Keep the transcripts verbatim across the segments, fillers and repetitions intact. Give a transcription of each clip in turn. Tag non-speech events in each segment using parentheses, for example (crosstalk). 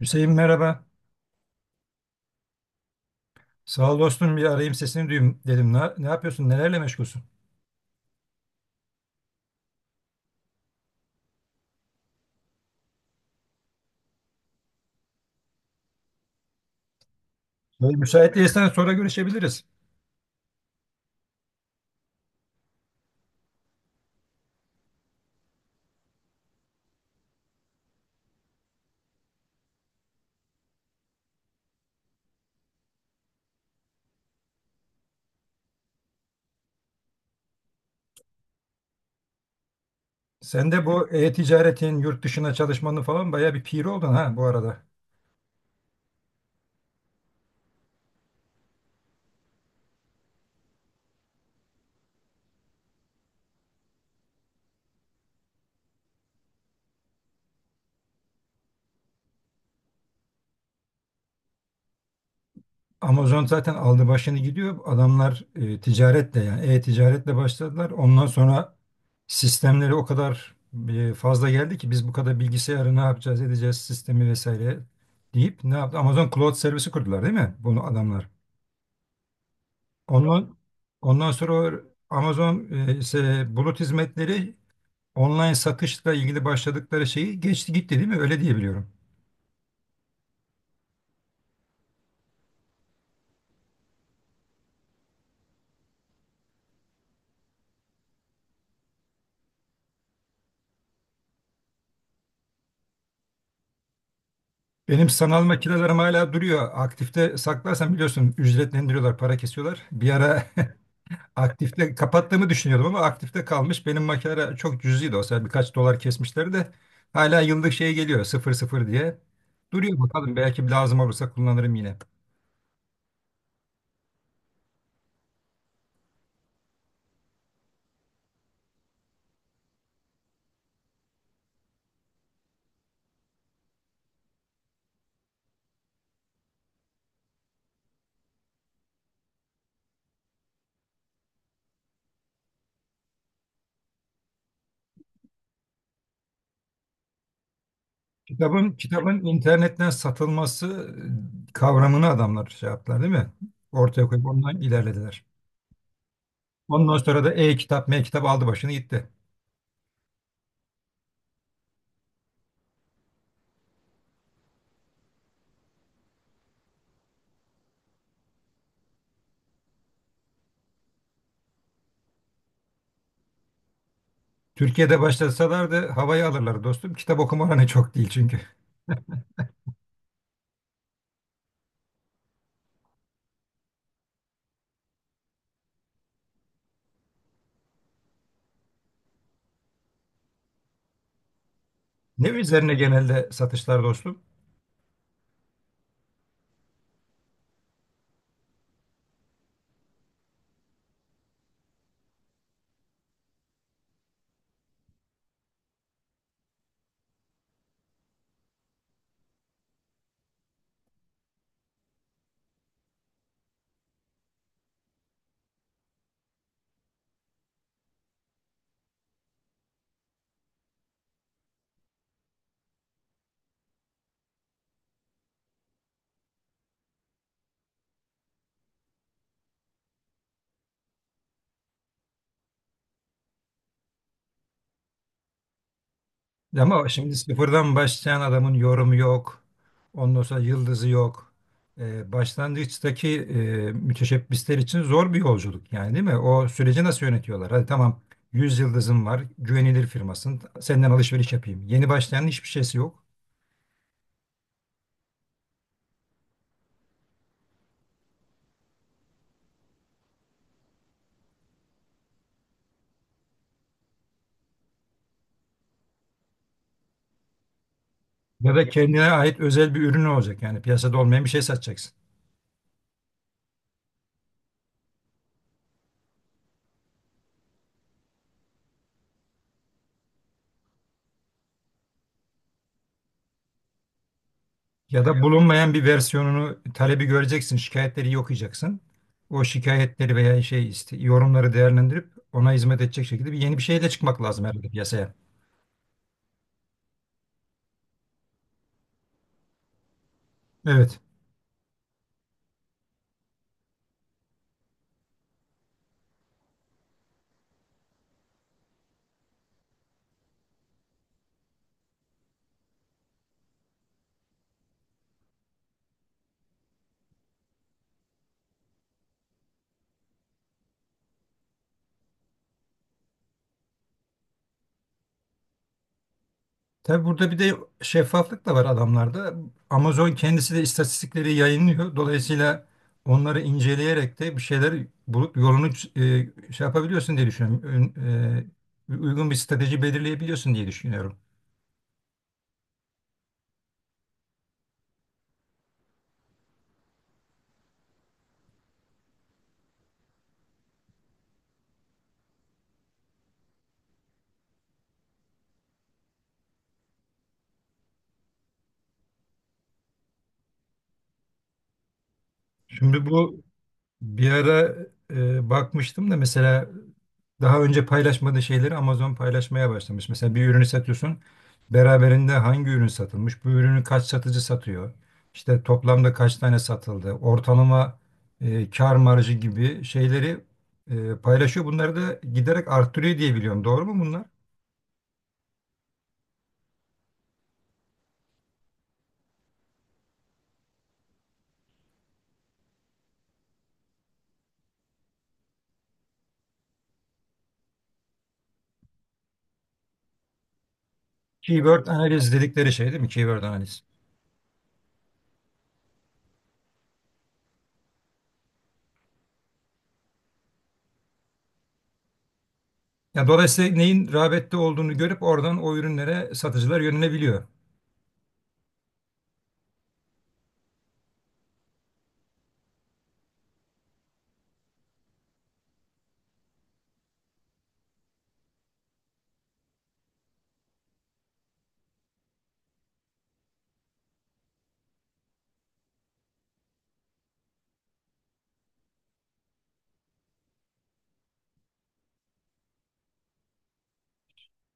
Hüseyin merhaba. Sağ ol dostum bir arayayım sesini duyayım dedim. Ne, ne yapıyorsun? Nelerle meşgulsün? Böyle müsait değilsen sonra görüşebiliriz. Sen de bu e-ticaretin yurt dışına çalışmanın falan bayağı bir piri oldun ha bu arada. Amazon zaten aldı başını gidiyor. Adamlar e, ticaretle yani e-ticaretle başladılar. Ondan sonra sistemleri o kadar e, fazla geldi ki biz bu kadar bilgisayarı ne yapacağız edeceğiz sistemi vesaire deyip ne yaptı? Amazon Cloud servisi kurdular değil mi? Bunu adamlar. Ondan ondan sonra o Amazon e, ise bulut hizmetleri online satışla ilgili başladıkları şeyi geçti gitti değil mi? Öyle diye biliyorum. Benim sanal makinelerim hala duruyor. Aktifte saklarsam biliyorsun ücretlendiriyorlar, para kesiyorlar. Bir ara (laughs) aktifte kapattığımı düşünüyordum ama aktifte kalmış. Benim makineler çok cüzdi olsa yani birkaç dolar kesmişler de hala yıllık şey geliyor sıfır sıfır diye. Duruyor bakalım belki lazım olursa kullanırım yine. Kitabın kitabın internetten satılması e, kavramını adamlar şey yaptılar değil mi? Ortaya koyup ondan ilerlediler. Ondan sonra da e-kitap, m-kitap aldı başını gitti. Türkiye'de başlasalardı havayı alırlar dostum. Kitap okuma oranı çok değil çünkü. Ne üzerine genelde satışlar dostum? Ama şimdi sıfırdan başlayan adamın yorumu yok. Ondan sonra yıldızı yok. Ee, başlangıçtaki e, müteşebbisler için zor bir yolculuk yani değil mi? O süreci nasıl yönetiyorlar? Hadi tamam yüz yıldızım var, güvenilir firmasın, senden alışveriş yapayım. Yeni başlayanın hiçbir şeysi yok. Ya da kendine ait özel bir ürün olacak yani piyasada olmayan bir şey satacaksın. Ya da bulunmayan bir versiyonunu talebi göreceksin, şikayetleri iyi okuyacaksın. O şikayetleri veya şey işte yorumları değerlendirip ona hizmet edecek şekilde bir yeni bir şeyle çıkmak lazım herhalde piyasaya. Evet. Tabi burada bir de şeffaflık da var adamlarda. Amazon kendisi de istatistikleri yayınlıyor. Dolayısıyla onları inceleyerek de bir şeyler bulup yolunu e, şey yapabiliyorsun diye düşünüyorum. Ön- e, uygun bir strateji belirleyebiliyorsun diye düşünüyorum. Şimdi bu bir ara e, bakmıştım da mesela daha önce paylaşmadığı şeyleri Amazon paylaşmaya başlamış. Mesela bir ürünü satıyorsun. Beraberinde hangi ürün satılmış? Bu ürünü kaç satıcı satıyor? İşte toplamda kaç tane satıldı? Ortalama e, kar marjı gibi şeyleri e, paylaşıyor. Bunları da giderek arttırıyor diye biliyorum. Doğru mu bunlar? Keyword, evet, analiz dedikleri şey değil mi? Keyword analiz. Ya dolayısıyla neyin rağbette olduğunu görüp oradan o ürünlere satıcılar yönelebiliyor.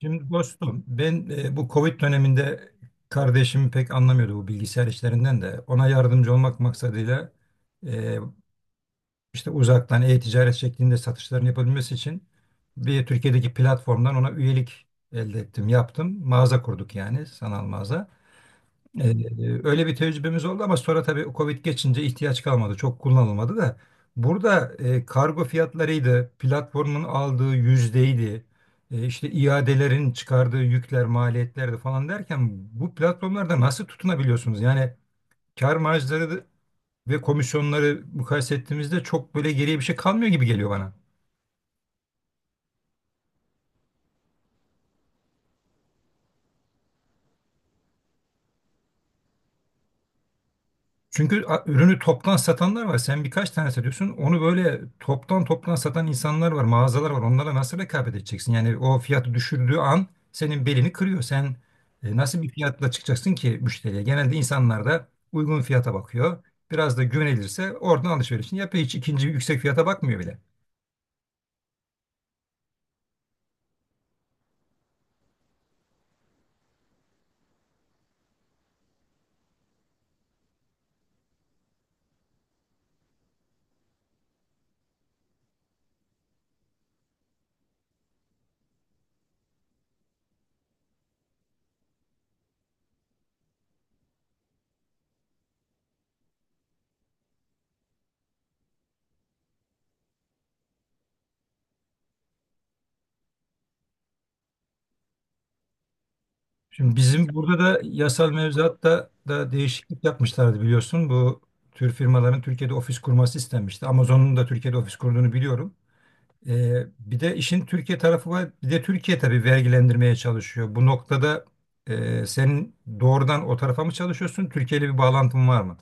Şimdi dostum ben e, bu Covid döneminde kardeşim pek anlamıyordu bu bilgisayar işlerinden de. Ona yardımcı olmak maksadıyla e, işte uzaktan e-ticaret şeklinde satışların yapabilmesi için bir Türkiye'deki platformdan ona üyelik elde ettim, yaptım. Mağaza kurduk yani sanal mağaza. Ee, Öyle bir tecrübemiz oldu ama sonra tabii Covid geçince ihtiyaç kalmadı. Çok kullanılmadı da. Burada e, kargo fiyatlarıydı, platformun aldığı yüzdeydi, e, işte iadelerin çıkardığı yükler, maliyetlerdi falan derken bu platformlarda nasıl tutunabiliyorsunuz? Yani kar marjları ve komisyonları mukayese ettiğimizde çok böyle geriye bir şey kalmıyor gibi geliyor bana. Çünkü a- ürünü toptan satanlar var. Sen birkaç tane satıyorsun. Onu böyle toptan toptan satan insanlar var, mağazalar var. Onlara nasıl rekabet edeceksin? Yani o fiyatı düşürdüğü an senin belini kırıyor. Sen e, nasıl bir fiyatla çıkacaksın ki müşteriye? Genelde insanlar da uygun fiyata bakıyor. Biraz da güvenilirse oradan alışverişini yapıyor. Hiç ikinci yüksek fiyata bakmıyor bile. Şimdi bizim burada da yasal mevzuatta da değişiklik yapmışlardı biliyorsun. Bu tür firmaların Türkiye'de ofis kurması istenmişti. Amazon'un da Türkiye'de ofis kurduğunu biliyorum. Ee, bir de işin Türkiye tarafı var. Bir de Türkiye tabii vergilendirmeye çalışıyor. Bu noktada e, senin doğrudan o tarafa mı çalışıyorsun? Türkiye ile bir bağlantın var mı?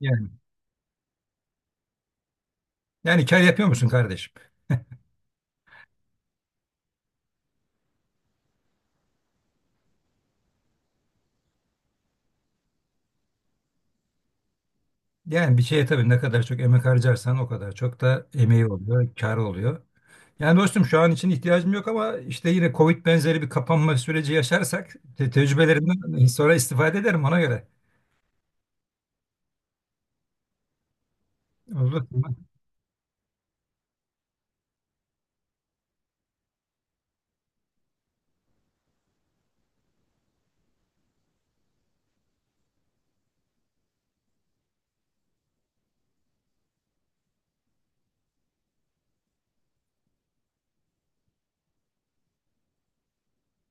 Yani, yani kar yapıyor musun kardeşim? Yani bir şeye tabii ne kadar çok emek harcarsan o kadar çok da emeği oluyor, karı oluyor. Yani dostum şu an için ihtiyacım yok ama işte yine Covid benzeri bir kapanma süreci yaşarsak te tecrübelerimden sonra istifade ederim ona göre. Oldu.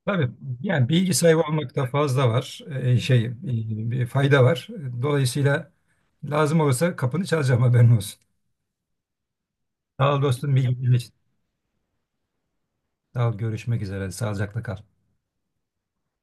Tabii yani bilgi sahibi olmakta fazla var e, şey e, bir fayda var. Dolayısıyla lazım olursa kapını çalacağım haberin olsun. Sağ ol dostum bilgi için. Sağ ol görüşmek üzere. Sağlıcakla kal.